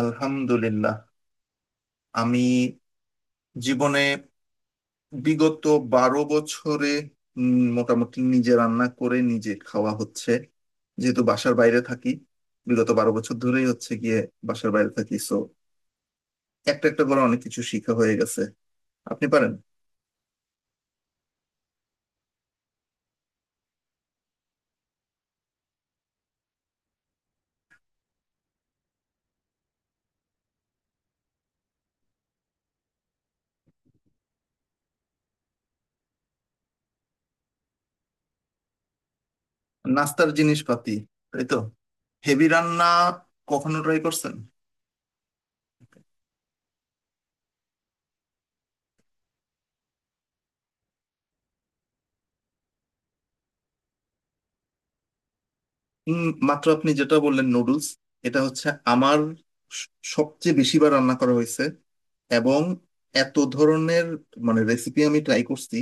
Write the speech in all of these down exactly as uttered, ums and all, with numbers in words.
আলহামদুলিল্লাহ। আমি জীবনে বিগত বারো বছরে উম, মোটামুটি নিজে রান্না করে নিজে খাওয়া হচ্ছে, যেহেতু বাসার বাইরে থাকি। বিগত বারো বছর ধরেই হচ্ছে গিয়ে বাসার বাইরে থাকি, সো একটা একটা করে অনেক কিছু শিখা হয়ে গেছে। আপনি পারেন? নাস্তার জিনিসপাতি। তাই তো। হেভি রান্না কখনো ট্রাই করছেন? উম, মাত্র আপনি যেটা বললেন, নুডলস, এটা হচ্ছে আমার স- সবচেয়ে বেশিবার রান্না করা হয়েছে, এবং এত ধরনের মানে রেসিপি আমি ট্রাই করছি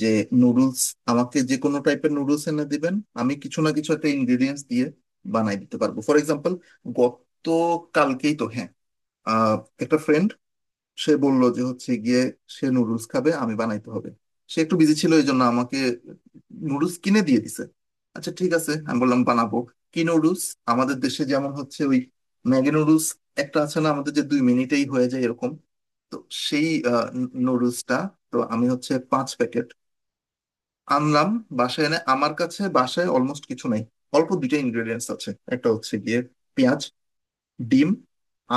যে নুডলস আমাকে যে কোনো টাইপের নুডলস এনে দিবেন, আমি কিছু না কিছু একটা ইনগ্রেডিয়েন্টস দিয়ে বানাই দিতে পারবো। ফর এক্সাম্পল, গত কালকেই তো, হ্যাঁ, আহ, একটা ফ্রেন্ড, সে বলল যে হচ্ছে গিয়ে সে নুডলস খাবে, আমি বানাইতে হবে। সে একটু বিজি ছিল, এই জন্য আমাকে নুডলস কিনে দিয়ে দিছে। আচ্ছা ঠিক আছে, আমি বললাম বানাবো। কি নুডলস? আমাদের দেশে যেমন হচ্ছে ওই ম্যাগি নুডলস, একটা আছে না আমাদের, যে দুই মিনিটেই হয়ে যায়, এরকম। তো সেই নুডলসটা। তো আমি হচ্ছে পাঁচ প্যাকেট আনলাম বাসায়। এনে আমার কাছে বাসায় অলমোস্ট কিছু নাই, অল্প দুইটা ইনগ্রেডিয়েন্টস আছে। একটা হচ্ছে গিয়ে পেঁয়াজ, ডিম,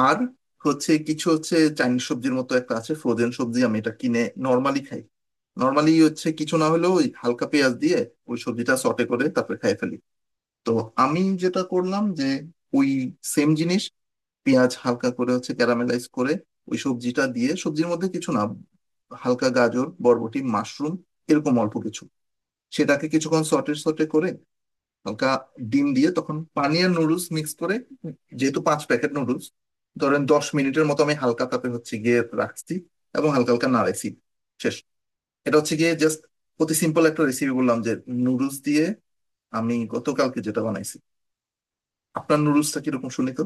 আর হচ্ছে কিছু, হচ্ছে চাইনিজ সবজির মতো একটা আছে ফ্রোজেন সবজি, আমি এটা কিনে নর্মালি খাই। নর্মালি হচ্ছে কিছু না হলেও ওই হালকা পেঁয়াজ দিয়ে ওই সবজিটা সটে করে তারপরে খাই ফেলি। তো আমি যেটা করলাম যে ওই সেম জিনিস, পেঁয়াজ হালকা করে হচ্ছে ক্যারামেলাইজ করে ওই সবজিটা দিয়ে, সবজির মধ্যে কিছু না, হালকা গাজর, বরবটি, মাশরুম, এরকম অল্প কিছু। সেটাকে কিছুক্ষণ সটে সটে করে হালকা ডিম দিয়ে, তখন পানি আর নুডলস মিক্স করে, যেহেতু পাঁচ প্যাকেট নুডলস, ধরেন দশ মিনিটের মতো আমি হালকা তাপে হচ্ছে গিয়ে রাখছি এবং হালকা হালকা নাড়াইছি। শেষ। এটা হচ্ছে গিয়ে জাস্ট অতি সিম্পল একটা রেসিপি বললাম যে নুডলস দিয়ে আমি গতকালকে যেটা বানাইছি। আপনার নুডলসটা কিরকম শুনি তো।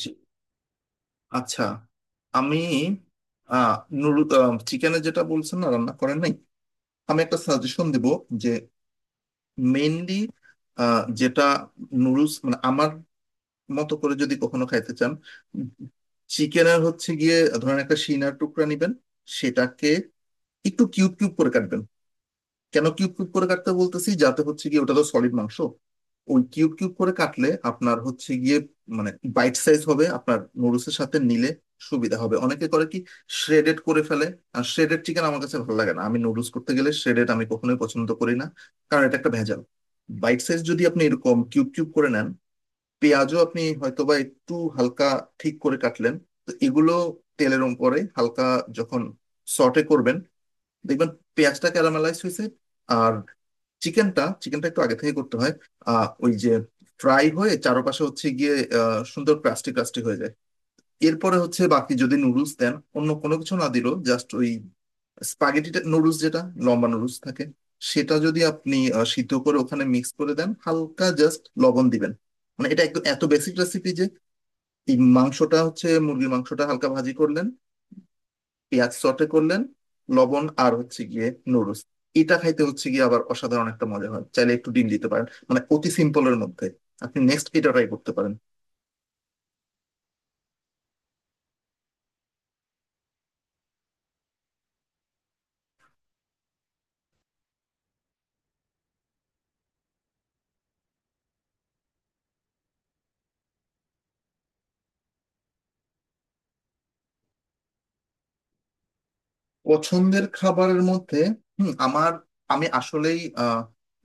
জি। আচ্ছা। আমি আহ নুডল, চিকেনে যেটা বলছেন না রান্না করেন নাই, আমি একটা সাজেশন দিব যে মেইনলি যেটা নুডলস, মানে আমার মতো করে যদি কখনো খাইতে চান, চিকেনের হচ্ছে গিয়ে ধরেন একটা সিনার টুকরা নিবেন। সেটাকে একটু কিউব কিউব করে কাটবেন। কেন কিউব কিউব করে কাটতে বলতেছি, যাতে হচ্ছে গিয়ে ওটা তো সলিড মাংস, ওই কিউব কিউব করে কাটলে আপনার হচ্ছে গিয়ে মানে বাইট সাইজ হবে, আপনার নুডলসের সাথে নিলে সুবিধা হবে। অনেকে করে কি, শ্রেডেড করে ফেলে। আর শ্রেডেড চিকেন আমার কাছে ভালো লাগে না, আমি নুডলস করতে গেলে শ্রেডেড আমি কখনোই পছন্দ করি না, কারণ এটা একটা ভেজাল। বাইট সাইজ যদি আপনি এরকম কিউব কিউব করে নেন, পেঁয়াজও আপনি হয়তোবা একটু হালকা ঠিক করে কাটলেন, তো এগুলো তেলের উপরে হালকা যখন সটে করবেন, দেখবেন পেঁয়াজটা ক্যারামেলাইজ হয়েছে, আর চিকেনটা চিকেনটা একটু আগে থেকে করতে হয়। আহ ওই যে ফ্রাই হয়ে চারপাশে হচ্ছে গিয়ে আহ সুন্দর ক্রাস্টি ক্রাস্টি হয়ে যায়। এরপরে হচ্ছে বাকি যদি নুডলস দেন, অন্য কোনো কিছু না দিলেও জাস্ট ওই স্পাগেটিটা নুডলস যেটা লম্বা নুডলস থাকে, সেটা যদি আপনি আহ, সিদ্ধ করে ওখানে মিক্স করে দেন, হালকা জাস্ট লবণ দিবেন, মানে এটা একদম এত বেসিক রেসিপি যে এই মাংসটা হচ্ছে মুরগির মাংসটা হালকা ভাজি করলেন, পেঁয়াজ সটে করলেন, লবণ আর হচ্ছে গিয়ে নুডলস, এটা খাইতে হচ্ছে গিয়ে আবার অসাধারণ একটা মজা হয়। চাইলে একটু ডিম দিতে পারেন, মানে অতি সিম্পলের মধ্যে আপনি নেক্সট এটা ট্রাই করতে পারেন। পছন্দের খাবারের মধ্যে হুম, আমার, আমি আসলেই আহ,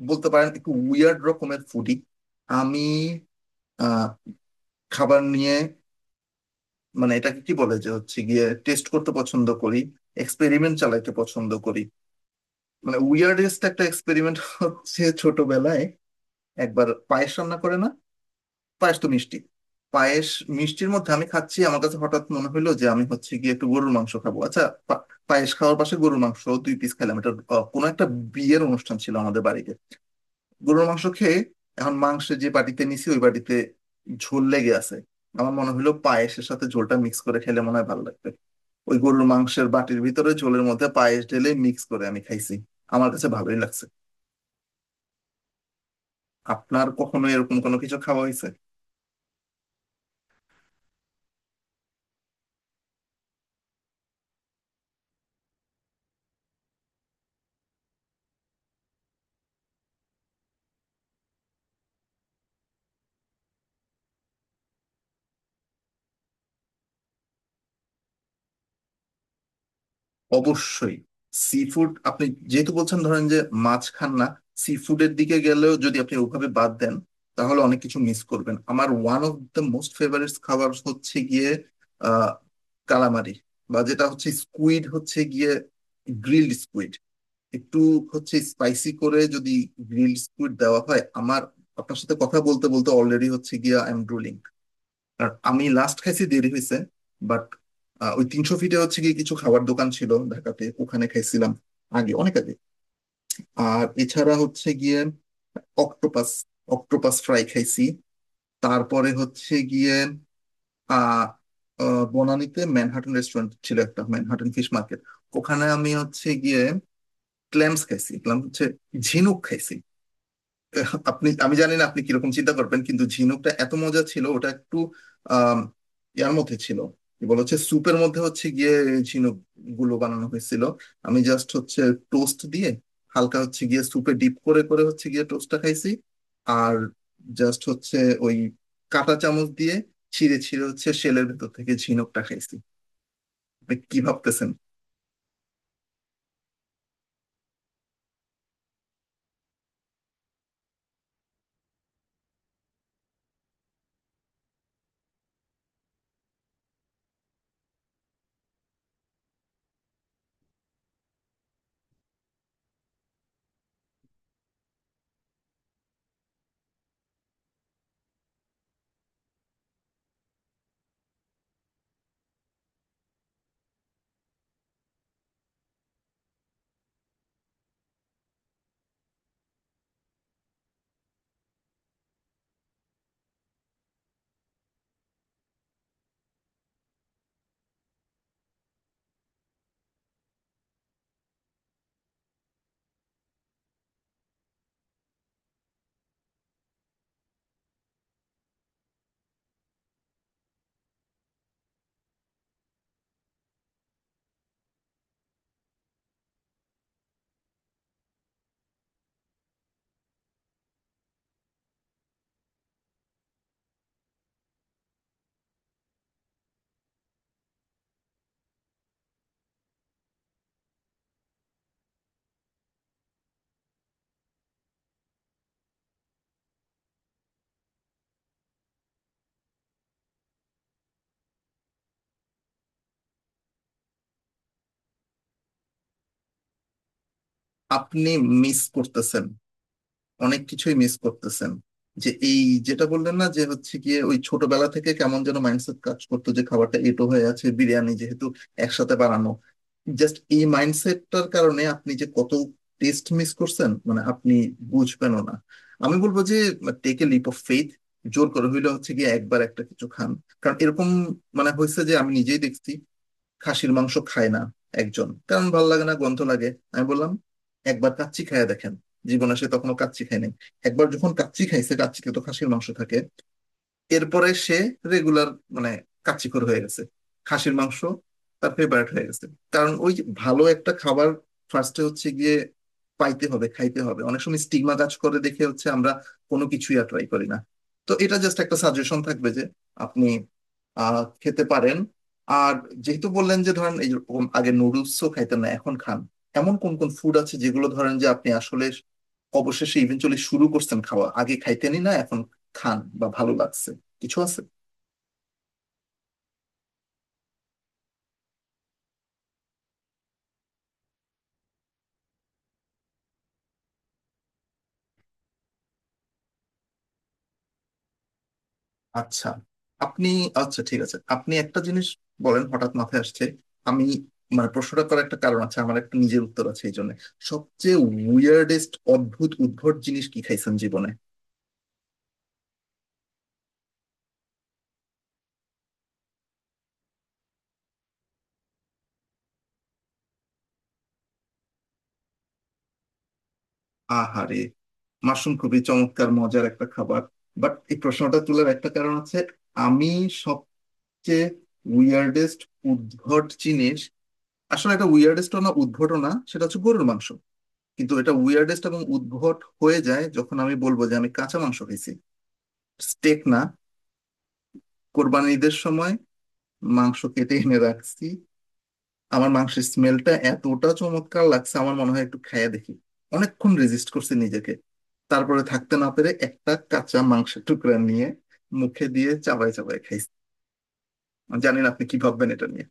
বলতে পারেন একটু উইয়ার্ড রকমের ফুডি। আমি আহ, খাবার নিয়ে মানে এটাকে কি বলে যে হচ্ছে গিয়ে টেস্ট করতে পছন্দ করি, এক্সপেরিমেন্ট চালাইতে পছন্দ করি। মানে উইয়ার্ডেস্ট একটা এক্সপেরিমেন্ট হচ্ছে ছোটবেলায় একবার পায়েস রান্না করে না, পায়েস তো মিষ্টি, পায়েস মিষ্টির মধ্যে আমি খাচ্ছি, আমার কাছে হঠাৎ মনে হলো যে আমি হচ্ছে গিয়ে একটু গরুর মাংস খাবো। আচ্ছা, পা- পায়েস খাওয়ার পাশে গরুর মাংস দুই পিস খেলাম। এটা আহ, কোনো একটা বিয়ের অনুষ্ঠান ছিল আমাদের বাড়িতে। গরুর মাংস খেয়ে এখন মাংস যে বাটিতে নিছি, ওই বাটিতে ঝোল লেগে আছে। আমার মনে হলো পায়েসের সাথে ঝোলটা মিক্স করে খেলে মনে হয় ভালো লাগবে। ওই গরুর মাংসের বাটির ভিতরে ঝোলের মধ্যে পায়েস ঢেলে মিক্স করে আমি খাইছি, আমার কাছে ভালোই লাগছে। আপনার কখনো এরকম কোনো কিছু খাওয়া হয়েছে? অবশ্যই। সি ফুড আপনি যেহেতু বলছেন ধরেন যে মাছ খান না, সি ফুডের দিকে গেলেও যদি আপনি ওভাবে বাদ দেন, তাহলে অনেক কিছু মিস করবেন। আমার one of the most favourite খাবার হচ্ছে গিয়ে আহ কালামারি, বা যেটা হচ্ছে স্কুইড, হচ্ছে গিয়ে গ্রিলড স্কুইড, একটু হচ্ছে স্পাইসি করে যদি গ্রিলড স্কুইড দেওয়া হয় আমার। আপনার সাথে কথা বলতে বলতে অলরেডি হচ্ছে গিয়ে আই এম ড্রুলিং। আর আমি লাস্ট খাইছি দেরি হয়েছে, বাট ওই তিনশো ফিটে হচ্ছে গিয়ে কিছু খাবার দোকান ছিল ঢাকাতে, ওখানে খাইছিলাম আগে, অনেক আগে। আর এছাড়া হচ্ছে গিয়ে অক্টোপাস, অক্টোপাস ফ্রাই খাইছি। তারপরে হচ্ছে গিয়ে আহ আহ, বনানীতে ম্যানহাটন রেস্টুরেন্ট ছিল একটা, ম্যানহাটন ফিশ মার্কেট, ওখানে আমি হচ্ছে গিয়ে ক্ল্যাম্স খাইছি, ক্ল্যাম হচ্ছে ঝিনুক, খাইছি। আপনি, আমি জানি না আপনি কিরকম চিন্তা করবেন, কিন্তু ঝিনুকটা এত মজা ছিল। ওটা একটু আহ ইয়ার মধ্যে ছিল, কি বলে, হচ্ছে স্যুপের মধ্যে হচ্ছে গিয়ে ঝিনুক গুলো বানানো হয়েছিল। আমি জাস্ট হচ্ছে টোস্ট দিয়ে হালকা হচ্ছে গিয়ে স্যুপে ডিপ করে করে হচ্ছে গিয়ে টোস্টটা খাইছি, আর জাস্ট হচ্ছে ওই কাঁটা চামচ দিয়ে ছিঁড়ে ছিঁড়ে হচ্ছে শেলের ভেতর থেকে ঝিনুকটা খাইছি। আপনি কি ভাবতেছেন? আপনি মিস করতেছেন, অনেক কিছুই মিস করতেছেন। যে এই যেটা বললেন না যে হচ্ছে গিয়ে ওই ছোটবেলা থেকে কেমন যেন মাইন্ডসেট কাজ করতো যে খাবারটা এঁটো হয়ে আছে, বিরিয়ানি যেহেতু একসাথে বানানো, জাস্ট এই মাইন্ডসেটটার কারণে আপনি যে কত টেস্ট মিস করছেন, মানে আপনি বুঝবেনও না। আমি বলবো যে take a leap of faith. জোর করে হইলে হচ্ছে গিয়ে একবার একটা কিছু খান। কারণ এরকম মানে হয়েছে যে আমি নিজেই দেখছি, খাসির মাংস খায় না একজন, কারণ ভালো লাগে না, গন্ধ লাগে। আমি বললাম একবার কাচ্চি খায়া দেখেন। জীবনে সে তখনো কাচ্চি খায় নাই। একবার যখন কাচ্চি খাইছে, কাচ্চিতে তো খাসির মাংস থাকে, এরপরে সে রেগুলার মানে কাচ্চিকর হয়ে গেছে, খাসির মাংস তার ফেভারিট হয়ে গেছে, কারণ ওই যে ভালো একটা খাবার ফার্স্টে হচ্ছে গিয়ে পাইতে হবে, খাইতে হবে। অনেক সময় স্টিগমা কাজ করে দেখে হচ্ছে আমরা কোনো কিছুই আর ট্রাই করি না। তো এটা জাস্ট একটা সাজেশন থাকবে যে আপনি আহ খেতে পারেন। আর যেহেতু বললেন যে ধরেন এই রকম আগে নুডলসও খাইতেন না এখন খান, এমন কোন কোন ফুড আছে যেগুলো ধরেন যে আপনি আসলে অবশেষে ইভেনচুয়ালি শুরু করছেন খাওয়া, আগে খাইতেনই না এখন খান বা ভালো লাগছে, কিছু আছে? আচ্ছা। আপনি, আচ্ছা ঠিক আছে, আপনি একটা জিনিস বলেন, হঠাৎ মাথায় আসছে আমি, মানে প্রশ্নটা করার একটা কারণ আছে, আমার একটা নিজের উত্তর আছে এই জন্য, সবচেয়ে উইয়ার্ডেস্ট, অদ্ভুত উদ্ভট জিনিস কি খাইছেন জীবনে? আহারে। মাশরুম খুবই চমৎকার মজার একটা খাবার। বাট এই প্রশ্নটা তোলার একটা কারণ আছে। আমি সবচেয়ে উইয়ার্ডেস্ট উদ্ভট জিনিস, আসলে এটা উইয়ার্ডেস্ট না উদ্ভটও না, সেটা হচ্ছে গরুর মাংস, কিন্তু এটা উইয়ার্ডেস্ট এবং উদ্ভট হয়ে যায় যখন আমি বলবো যে আমি কাঁচা মাংস খাইছি। স্টেক না। কোরবানির ঈদের সময় মাংস কেটে এনে রাখছি, আমার মাংসের স্মেলটা এতটা চমৎকার লাগছে, আমার মনে হয় একটু খাইয়া দেখি। অনেকক্ষণ রেজিস্ট করছি নিজেকে, তারপরে থাকতে না পেরে একটা কাঁচা মাংসের টুকরা নিয়ে মুখে দিয়ে চাবাই চাবাই খাইছি। জানি না আপনি কি ভাববেন এটা নিয়ে।